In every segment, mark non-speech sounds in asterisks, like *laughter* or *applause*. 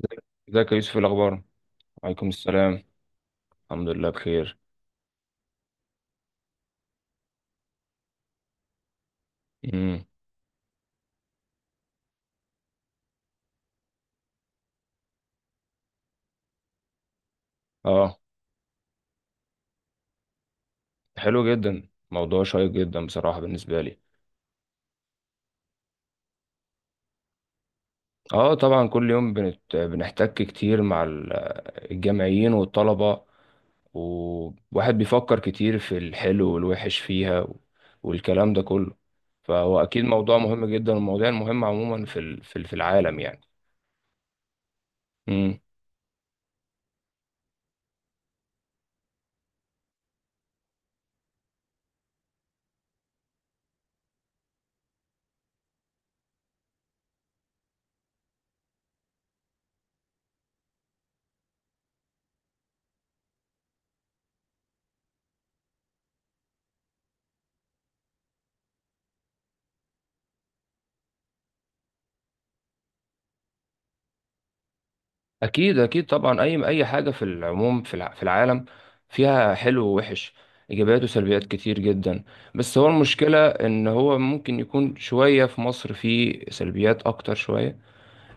ازيك ازيك يا يوسف، إيه الاخبار؟ وعليكم السلام. الحمد لله بخير. امم. اه، حلو جدا، موضوع شيق جدا بصراحه بالنسبه لي. اه، طبعا كل يوم بنحتك كتير مع الجامعيين والطلبه، وواحد بيفكر كتير في الحلو والوحش فيها والكلام ده كله، فهو اكيد موضوع مهم جدا. المواضيع المهمه عموما في العالم يعني. اكيد اكيد طبعا، اي حاجه في العموم في العالم فيها حلو ووحش، ايجابيات وسلبيات كتير جدا. بس هو المشكله ان هو ممكن يكون شويه في مصر في سلبيات اكتر شويه،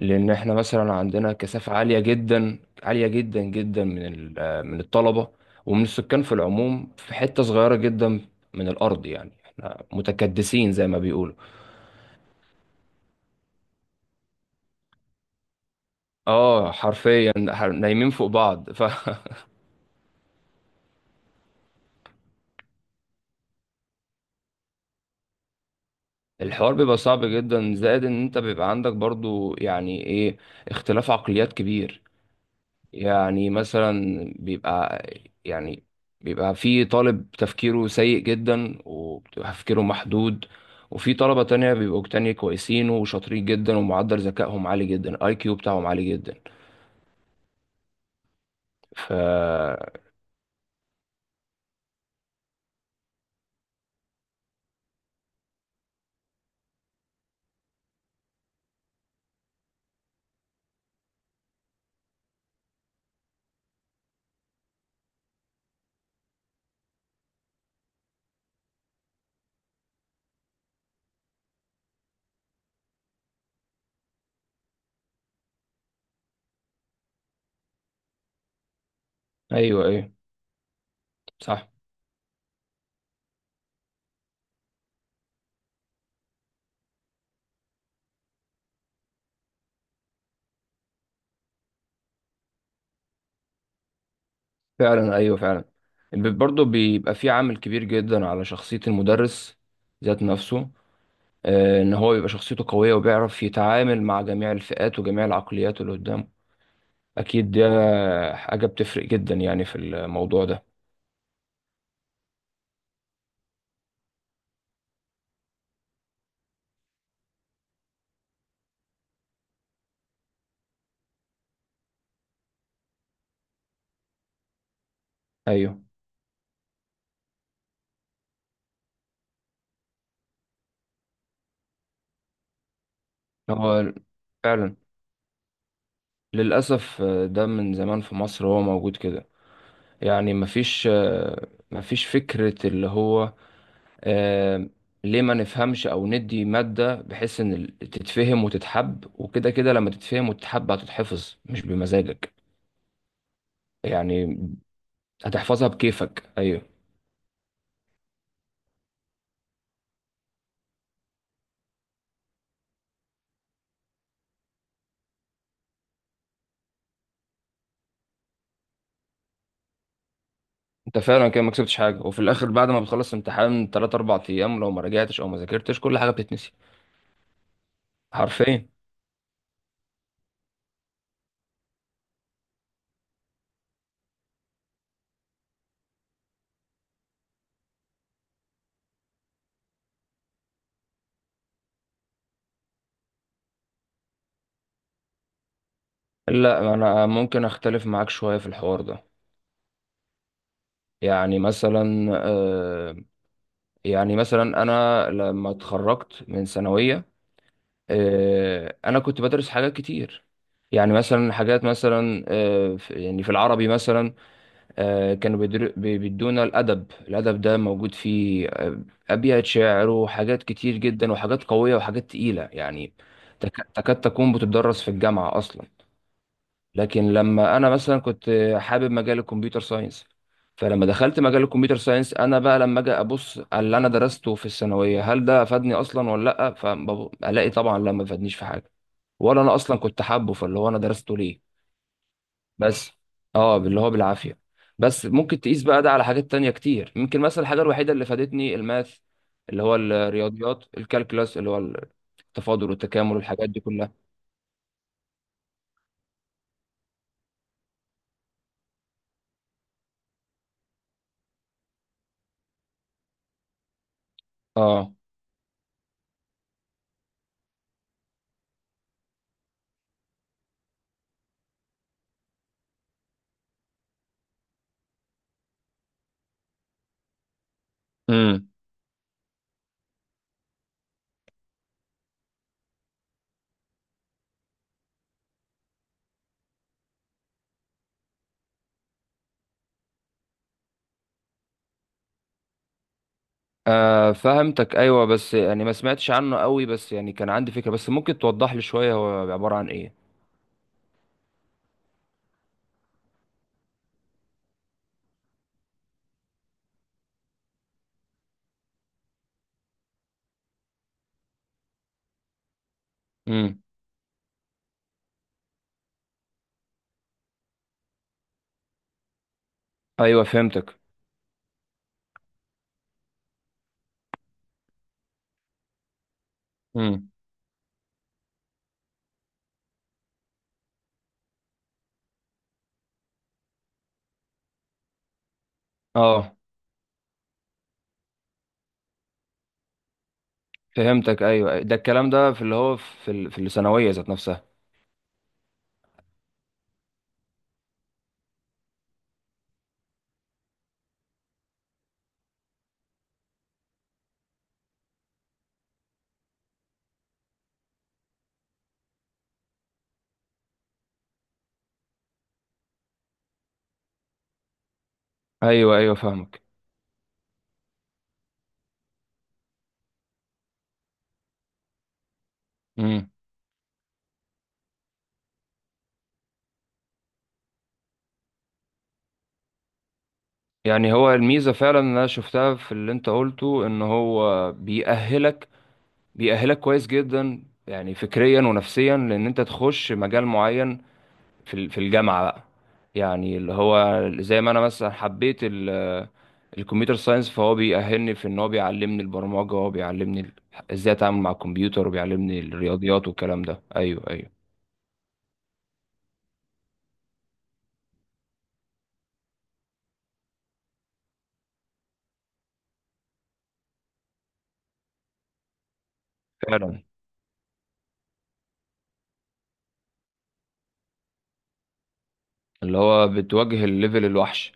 لان احنا مثلا عندنا كثافه عاليه جدا، عاليه جدا جدا، من الطلبه ومن السكان في العموم في حته صغيره جدا من الارض، يعني احنا متكدسين زي ما بيقولوا. اه حرفيا، نايمين فوق بعض *laughs* الحوار بيبقى صعب جدا، زائد ان انت بيبقى عندك برضو يعني ايه اختلاف عقليات كبير. يعني مثلا يعني بيبقى في طالب تفكيره سيء جدا وبتبقى تفكيره محدود، وفي طلبة تانية بيبقوا تانية كويسين وشاطرين جدا ومعدل ذكائهم عالي جدا، الاي كيو بتاعهم عالي جدا. ف ايوه ايوه، صح. فعلا، ايوه فعلا. برضه بيبقى في عامل كبير جدا على شخصية المدرس ذات نفسه. ان هو يبقى شخصيته قوية وبيعرف يتعامل مع جميع الفئات وجميع العقليات اللي قدامه. اكيد دي حاجة بتفرق جدا يعني في الموضوع ده. ايوه، هو فعلا للأسف ده من زمان في مصر هو موجود كده. يعني مفيش فكرة اللي هو آه، ليه ما نفهمش، أو ندي مادة بحيث إن تتفهم وتتحب، وكده كده لما تتفهم وتتحب هتتحفظ مش بمزاجك، يعني هتحفظها بكيفك. أيوه. انت فعلا كده ما كسبتش حاجه، وفي الاخر بعد ما بتخلص امتحان 3 4 ايام لو ما رجعتش او ما ذاكرتش كل حاجه بتتنسي. حرفيا. لا، انا ممكن اختلف معاك شويه في الحوار ده. يعني مثلا آه، يعني مثلا انا لما اتخرجت من ثانويه، انا كنت بدرس حاجات كتير، يعني مثلا حاجات مثلا يعني في العربي مثلا كانوا بيدونا الأدب ده موجود فيه أبيات شعر وحاجات كتير جدا، وحاجات قوية وحاجات تقيلة، يعني تكاد تكون بتدرس في الجامعة أصلا. لكن لما أنا مثلا كنت حابب مجال الكمبيوتر ساينس، فلما دخلت مجال الكمبيوتر ساينس أنا بقى لما أجي أبص على اللي أنا درسته في الثانوية، هل ده أفادني أصلا ولا لأ؟ فألاقي طبعا لا، ما فادنيش في حاجة، ولا أنا أصلا كنت حابه، فاللي هو أنا درسته ليه؟ بس اه، اللي هو بالعافية. بس ممكن تقيس بقى ده على حاجات تانية كتير، ممكن مثلا الحاجة الوحيدة اللي فادتني الماث، اللي هو الرياضيات، الكالكلاس اللي هو التفاضل والتكامل والحاجات دي كلها. اه. امم. آه، فهمتك. ايوه، بس يعني ما سمعتش عنه قوي، بس يعني كان عندي فكرة، بس ممكن توضح لي شوية هو عبارة عن ايه؟ امم. ايوه، فهمتك. امم. اه، فهمتك. ايوه، ده الكلام ده في اللي هو في ال- في الثانوية ذات نفسها. ايوه ايوه، فاهمك. مم. يعني هو الميزة فعلا اللي أنا شفتها في اللي أنت قلته إن هو بيأهلك كويس جدا يعني فكريا ونفسيا، لأن أنت تخش مجال معين في الجامعة بقى، يعني اللي هو زي ما أنا مثلا حبيت الكمبيوتر ساينس، فهو بيأهلني في إن هو بيعلمني البرمجة، وهو بيعلمني إزاي أتعامل مع الكمبيوتر، وبيعلمني الرياضيات والكلام ده. أيوه أيوه. فعلا، اللي هو بتواجه الليفل الوحش.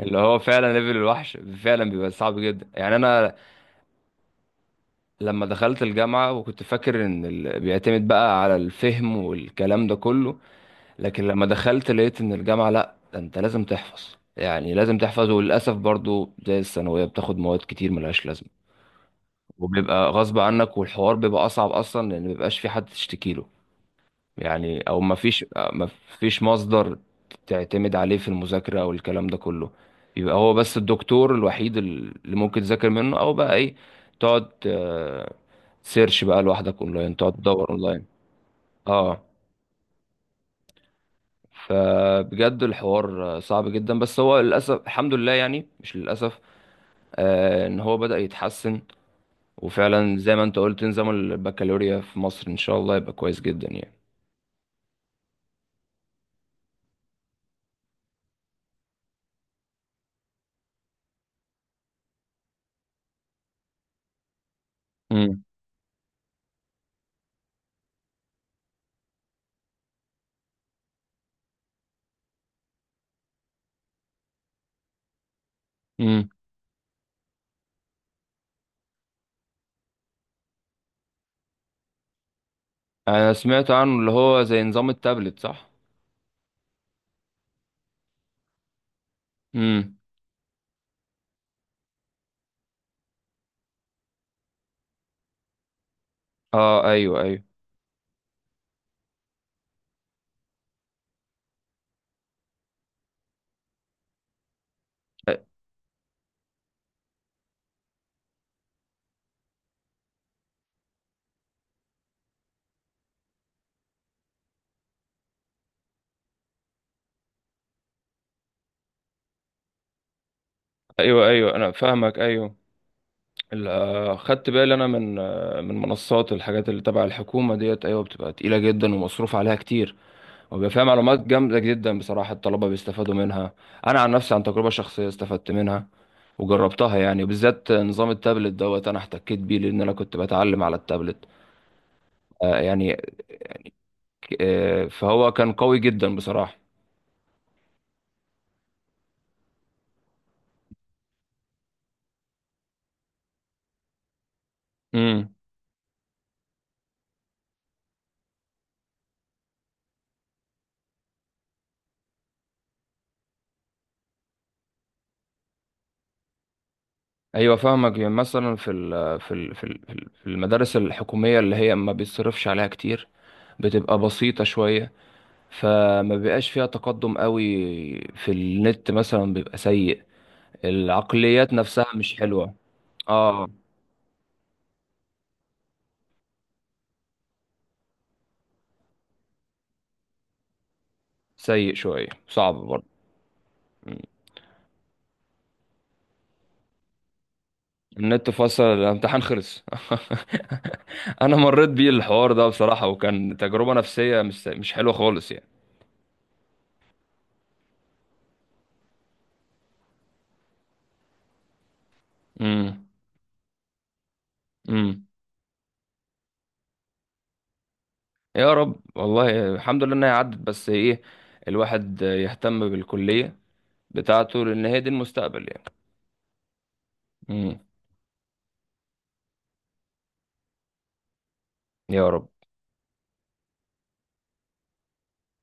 اللي هو فعلا ليفل الوحش، فعلا بيبقى صعب جدا يعني انا لما دخلت الجامعة وكنت فاكر إن بيعتمد بقى على الفهم والكلام ده كله، لكن لما دخلت لقيت إن الجامعة لأ، ده أنت لازم تحفظ، يعني لازم تحفظ. وللأسف برضو زي الثانوية بتاخد مواد كتير ملهاش لازمة، وبيبقى غصب عنك، والحوار بيبقى أصعب أصلا لأن مبيبقاش في حد تشتكيله. يعني او ما فيش مصدر تعتمد عليه في المذاكره او الكلام ده كله. يبقى هو بس الدكتور الوحيد اللي ممكن تذاكر منه، او بقى ايه، تقعد سيرش بقى لوحدك اونلاين، تقعد تدور اونلاين. اه. فبجد الحوار صعب جدا، بس هو للاسف الحمد لله، يعني مش للاسف، ان هو بدأ يتحسن. وفعلا زي ما انت قلت نظام البكالوريا في مصر ان شاء الله يبقى كويس جدا يعني. امم. انا سمعت عنه، اللي هو زي نظام التابلت، صح؟ امم. اه، ايوه ايوه. ايوه ايوه، انا فاهمك ايوه. خدت بالي انا من منصات الحاجات اللي تبع الحكومه ديت، ايوه بتبقى تقيله جدا ومصروف عليها كتير، وبيبقى فيها معلومات جامده جدا بصراحه، الطلبه بيستفادوا منها. انا عن نفسي عن تجربه شخصيه استفدت منها وجربتها، يعني بالذات نظام التابلت دوت انا احتكيت بيه لان انا كنت بتعلم على التابلت. يعني فهو كان قوي جدا بصراحه. امم. ايوه، فاهمك. يعني مثلا في المدارس الحكوميه اللي هي ما بيتصرفش عليها كتير، بتبقى بسيطه شويه، فما بيبقاش فيها تقدم قوي، في النت مثلا بيبقى سيء، العقليات نفسها مش حلوه. اه، سيء شويه، صعب برضه. م. النت فصل، الامتحان خلص. *laughs* انا مريت بيه الحوار ده بصراحه، وكان تجربه نفسيه مش حلوه خالص يعني. امم. امم. يا رب، والله الحمد لله انها عدت. بس ايه، الواحد يهتم بالكلية بتاعته لان هي دي المستقبل يعني. امم. يا رب.